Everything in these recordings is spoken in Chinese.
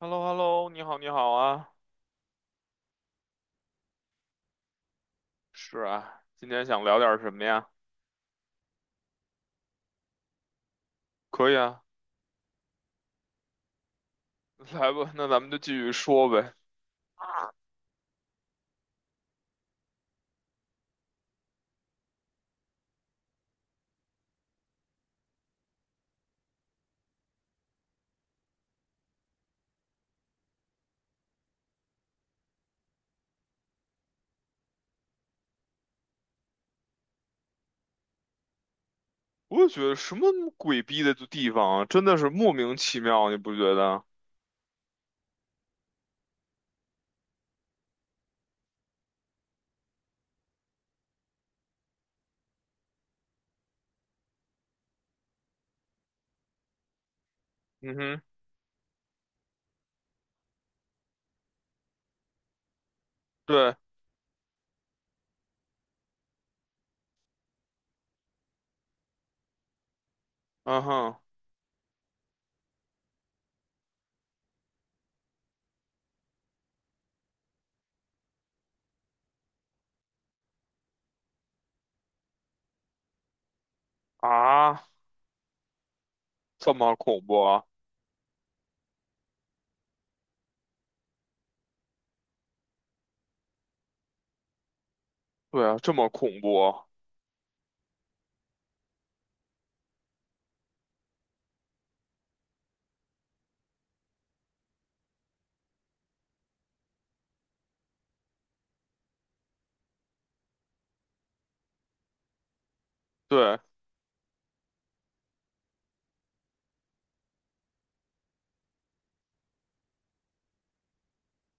h e l l o h e l l o 你好，你好啊，是啊，今天想聊点什么呀？可以啊，来吧，那咱们就继续说呗。我也觉得什么鬼逼的地方啊，真的是莫名其妙，你不觉得？嗯哼，对，嗯哼，啊，这么恐怖啊？对啊，这么恐怖啊对，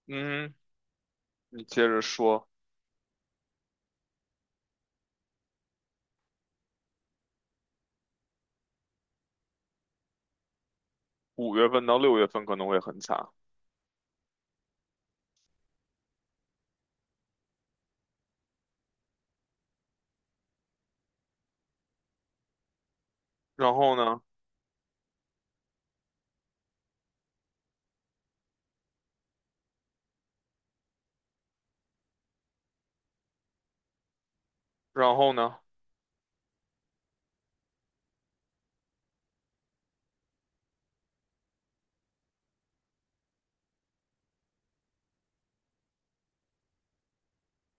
嗯哼你接着说，五月份到六月份可能会很惨，然后呢，然后呢，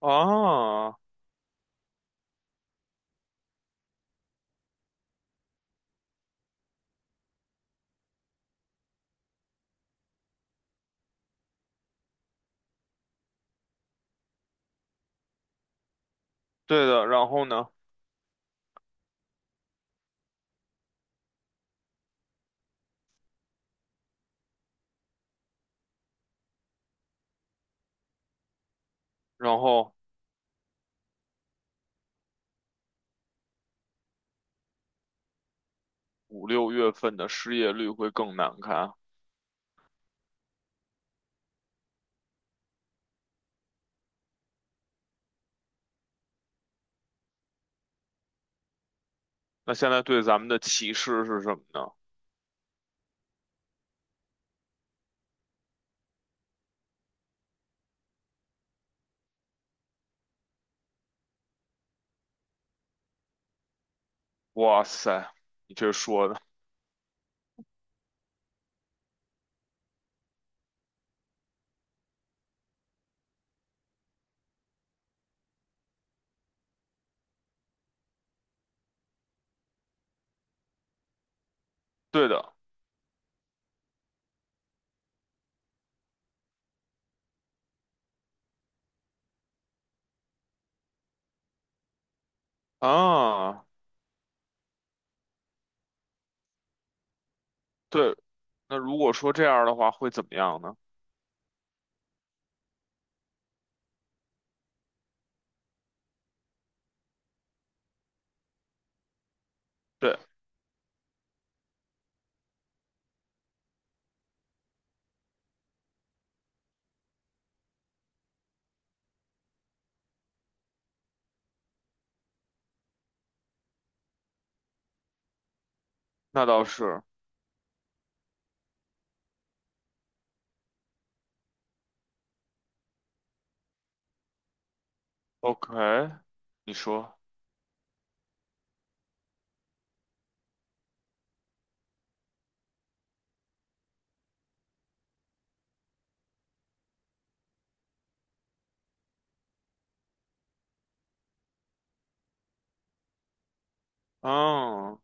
啊，对的，然后呢，然后。五六月份的失业率会更难看啊。那现在对咱们的歧视是什么呢？哇塞，你这说的，对的啊，对。那如果说这样的话，会怎么样呢？对，那倒是 OK。你说，啊。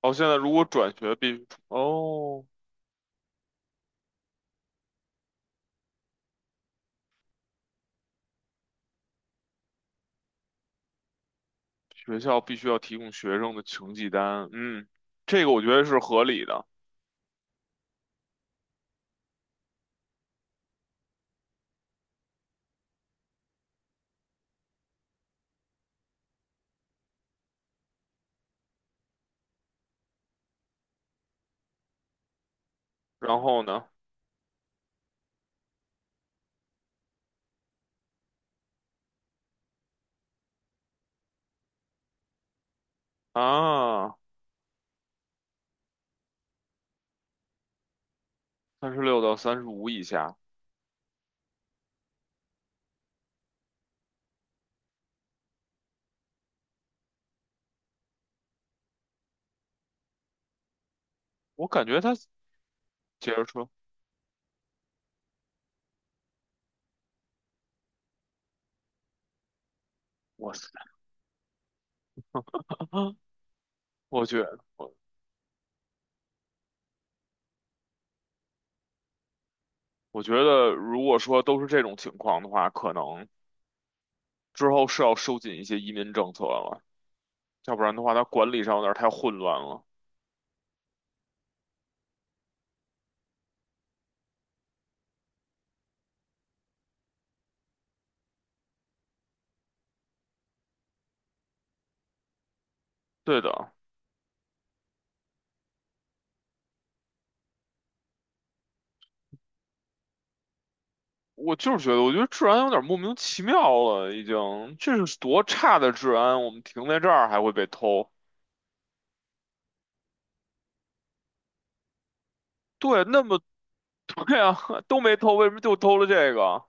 哦，现在如果转学必，哦，学校必须要提供学生的成绩单，嗯，这个我觉得是合理的。然后呢，啊，三十六到三十五以下，我感觉他接着说。哇塞。我觉得，我觉得，如果说都是这种情况的话，可能之后是要收紧一些移民政策了，要不然的话，它管理上有点太混乱了。对的，我就是觉得，我觉得治安有点莫名其妙了，已经，这是多差的治安，我们停在这儿还会被偷。对，那么 对啊，都没偷，为什么就偷了这个？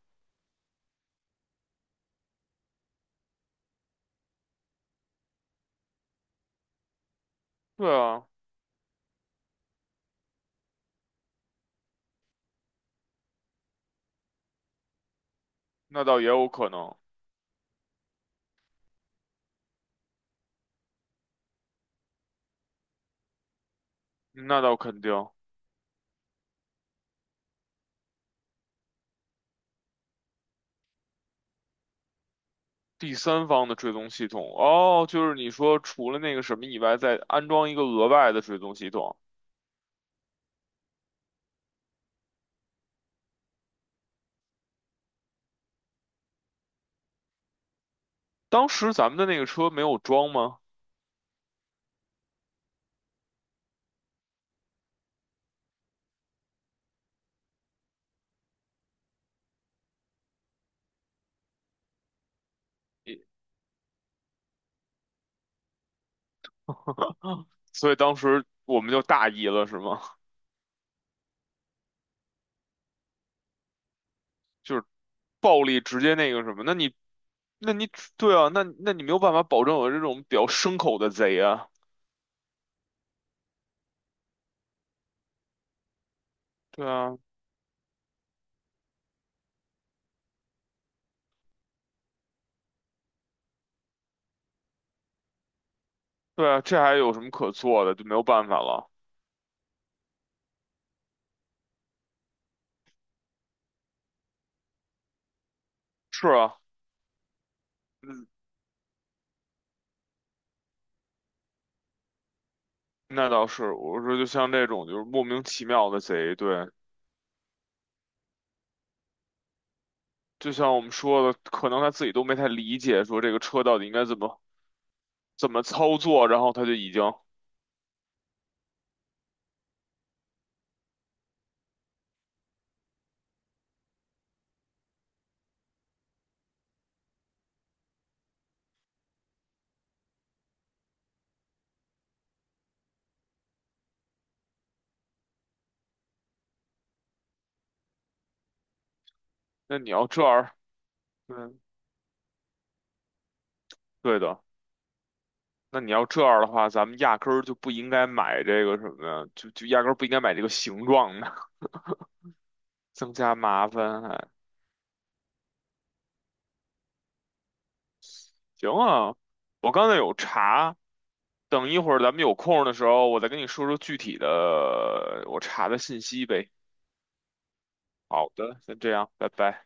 对啊，那倒也有可能，那倒肯定。第三方的追踪系统，哦，就是你说除了那个什么以外，再安装一个额外的追踪系统。当时咱们的那个车没有装吗？也啊，所以当时我们就大意了，是吗？就是暴力直接那个什么，那你对啊，那你没有办法保证有这种比较牲口的贼啊，对啊，对啊，这还有什么可做的？就没有办法了。是啊，嗯那倒是，我说就像这种就是莫名其妙的贼，对，就像我们说的，可能他自己都没太理解，说这个车到底应该怎么怎么操作，然后他就已经，那你要这样，嗯，对的，那你要这样的话，咱们压根儿就不应该买这个什么呀，就压根儿不应该买这个形状的，增加麻烦还。行啊，我刚才有查，等一会儿咱们有空的时候，我再跟你说说具体的我查的信息呗。好的，先这样，拜拜。